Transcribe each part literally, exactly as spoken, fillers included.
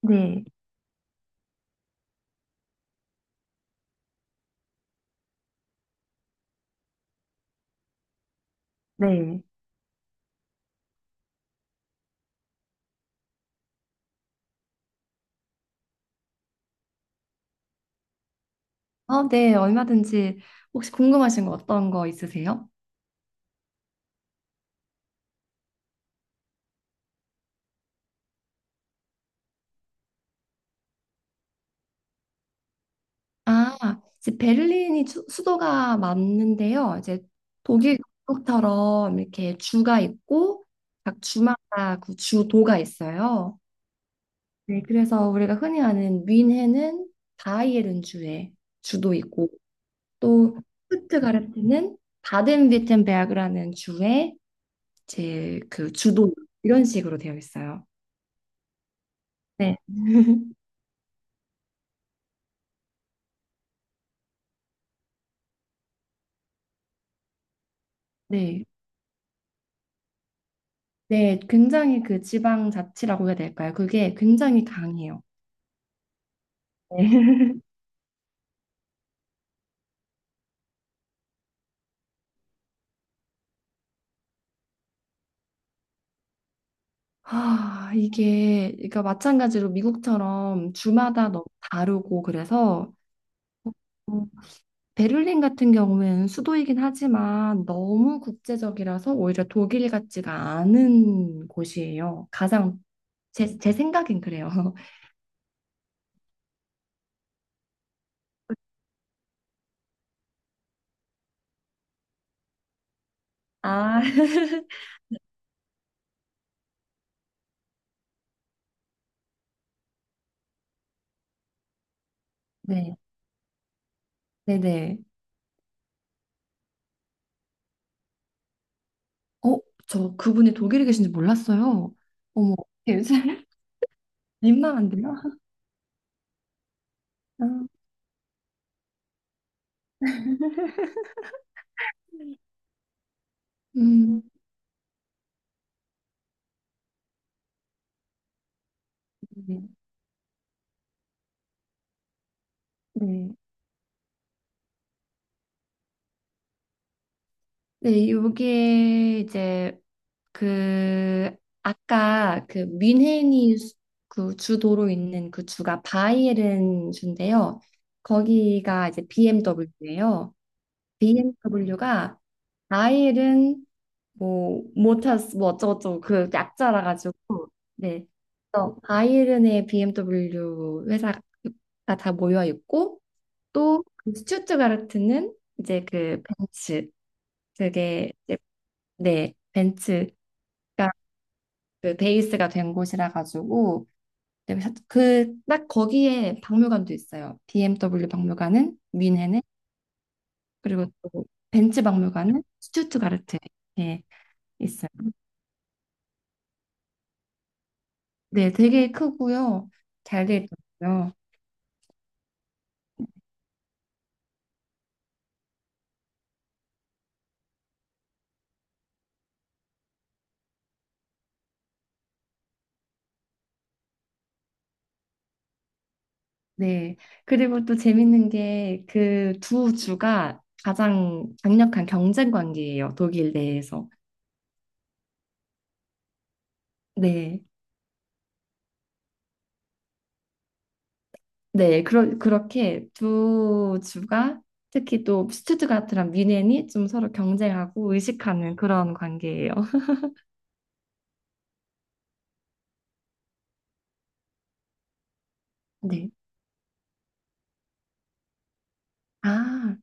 네, 네. 어, 네, 얼마든지 혹시 궁금하신 거 어떤 거 있으세요? 아, 이제 베를린이 수, 수도가 맞는데요. 이제 독일 국처럼 이렇게 주가 있고 각 주마다 그 주도가 있어요. 네, 그래서 우리가 흔히 아는 뮌헨은 바이에른 주의 주도 있고 또 슈트가르트는 바덴würtem베르크라는 주의 제 그 주도 이런 식으로 되어 있어요. 네. 네. 네, 굉장히 그 지방 자치라고 해야 될까요? 그게 굉장히 강해요. 네. 아, 이게, 그러니까 마찬가지로 미국처럼 주마다 너무 다르고 그래서 음, 베를린 같은 경우에는 수도이긴 하지만 너무 국제적이라서 오히려 독일 같지가 않은 곳이에요. 가장 제, 제 생각엔 그래요. 아, 네, 네네. 어, 저 그분이 독일에 계신지 몰랐어요. 어머, 민망한데요? 아. 음. 네. 네. 네, 요게 이제 그 아까 그 뮌헨이 수- 그 주도로 있는 그 주가 바이에른 주인데요. 거기가 이제 비엠더블유예요. 비엠더블유가 바이에른 뭐 모타스 뭐 어쩌고저쩌고 그 약자라 가지고 네. 그래서 바이에른의 비엠더블유 회사가 다 모여 있고 또 그 스투트가르트는 이제 그 벤츠 그게 이제 네 벤츠가 그 베이스가 된 곳이라 가지고 그 딱 거기에 박물관도 있어요. 비엠더블유 박물관은 뮌헨에 그리고 또 벤츠 박물관은 스투트가르트에 예, 있어요. 네, 되게 크고요. 잘 돼 있더라고요. 네. 그리고 또 재밌는 게 그 두 주가 가장 강력한 경쟁 관계예요. 독일 내에서. 네. 네, 그러, 그렇게 두 주가 특히 또 스투트가트랑 뮌헨이 좀 서로 경쟁하고 의식하는 그런 관계예요. 네. 아,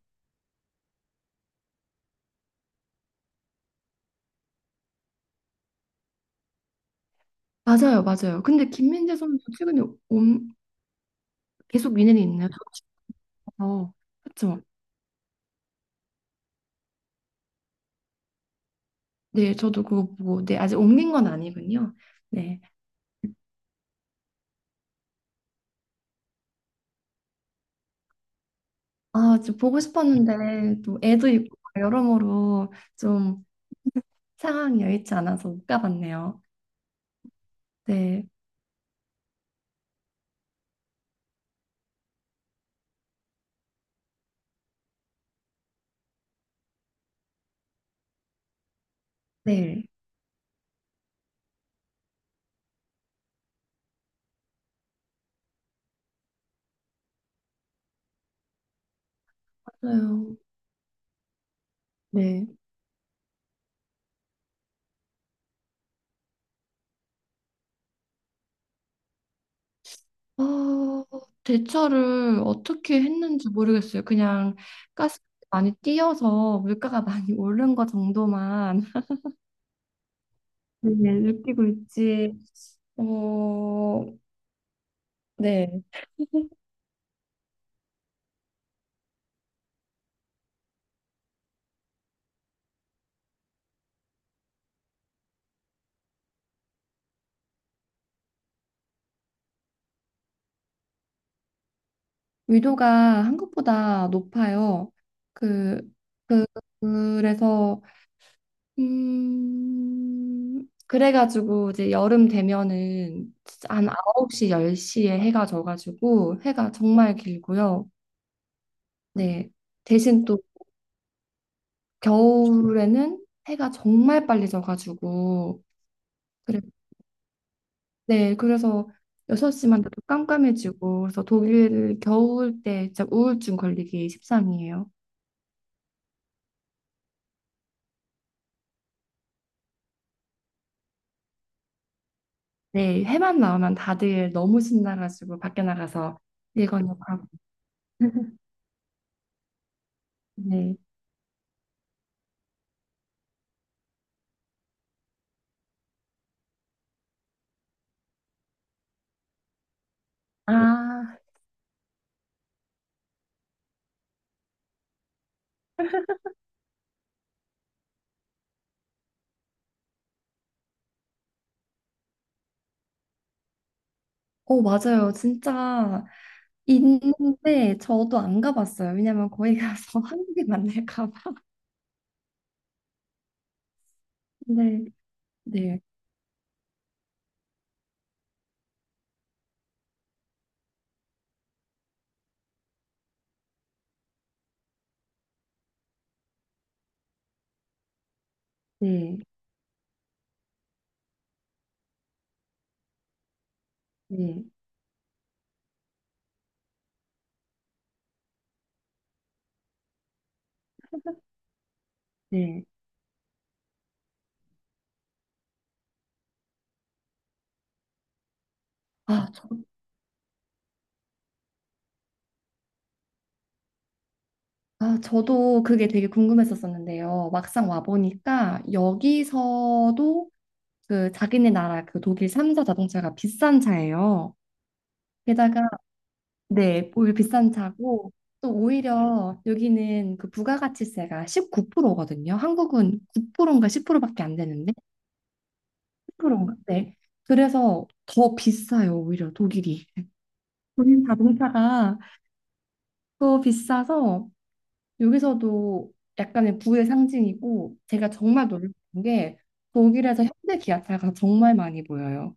맞아요, 맞아요. 근데 김민재 선수 최근에 옴, 계속 뮌헨이 있나요? 어, 그렇죠. 네, 저도 그거 보고, 네, 아직 옮긴 건 아니군요. 네. 아, 좀 보고 싶었는데 또 애도 있고 여러모로 좀 상황이 여의치 않아서 못 가봤네요. 네, 네, 맞아요. 네. 어, 대처를 어떻게 했는지 모르겠어요. 그냥 가스 많이 띄어서 물가가 많이 오른 거 정도만 네, 느끼고 있지. 어, 네. 위도가 한국보다 높아요. 그, 그, 그래서, 음, 그래가지고 이제 여름 되면은 진짜 한 아홉 시, 열 시에 해가 져가지고 해가 정말 길고요. 네. 대신 또 겨울에는 해가 정말 빨리 져가지고 그래 네 그래서 여섯 시만 돼도 깜깜해지고 그래서 독일 겨울 때 진짜 우울증 걸리기 십상이에요. 네 해만 나오면 다들 너무 신나가지고 밖에 나가서 일거욕 하고 네. 아, 어, 맞아요. 진짜 있는데 저도 안 가봤어요. 왜냐면 거기 가서 한국에 만날까 봐. 네. 네. 네. 네. 네. 아, 아, 저도 그게 되게 궁금했었었는데요. 막상 와보니까 여기서도 그 자기네 나라 그 독일 삼 사 자동차가 비싼 차예요. 게다가, 네, 오히려 비싼 차고, 또 오히려 여기는 그 부가가치세가 십구 프로거든요. 한국은 구 프로인가 십 프로밖에 안 되는데, 십 퍼센트인가? 네. 그래서 더 비싸요, 오히려 독일이. 본인 자동차가 더 비싸서 여기서도 약간의 부의 상징이고 제가 정말 놀란 게 독일에서 현대 기아차가 정말 많이 보여요.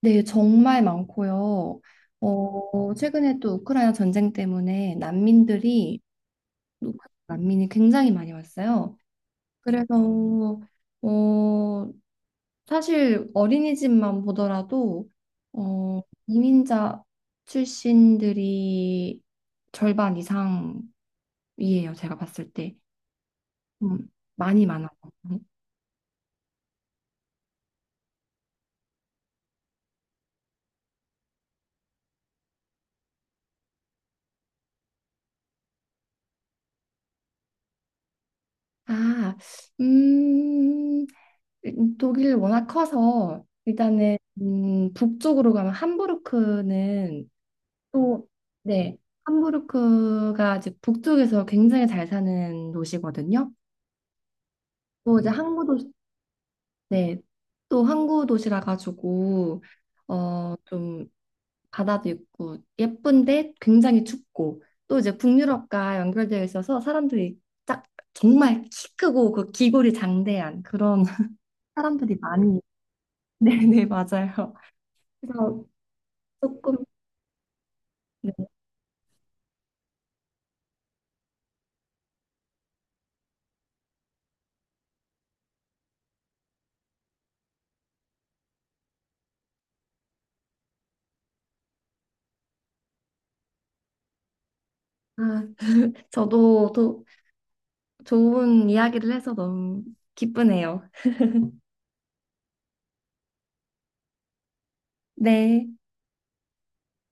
네, 정말 많고요. 어, 최근에 또 우크라이나 전쟁 때문에 난민들이 우크라이나 난민이 굉장히 많이 왔어요. 그래서 어, 사실 어린이집만 보더라도 어, 이민자 출신들이 절반 이상이에요. 제가 봤을 때. 음, 많이 많아요. 아, 음, 독일 워낙 커서 일단은 음, 북쪽으로 가면 함부르크는 또, 네, 함부르크가 이제 북쪽에서 굉장히 잘 사는 도시거든요. 또 이제 항구 도시, 네, 또 항구 도시라 가지고 어, 좀 바다도 있고 예쁜데 굉장히 춥고 또 이제 북유럽과 연결되어 있어서 사람들이 딱 정말 키 크고 그 기골이 장대한 그런 사람들이 많이 네네 맞아요. 그래서 조금 네. 아, 저도 또 좋은 이야기를 해서 너무 기쁘네요. 네.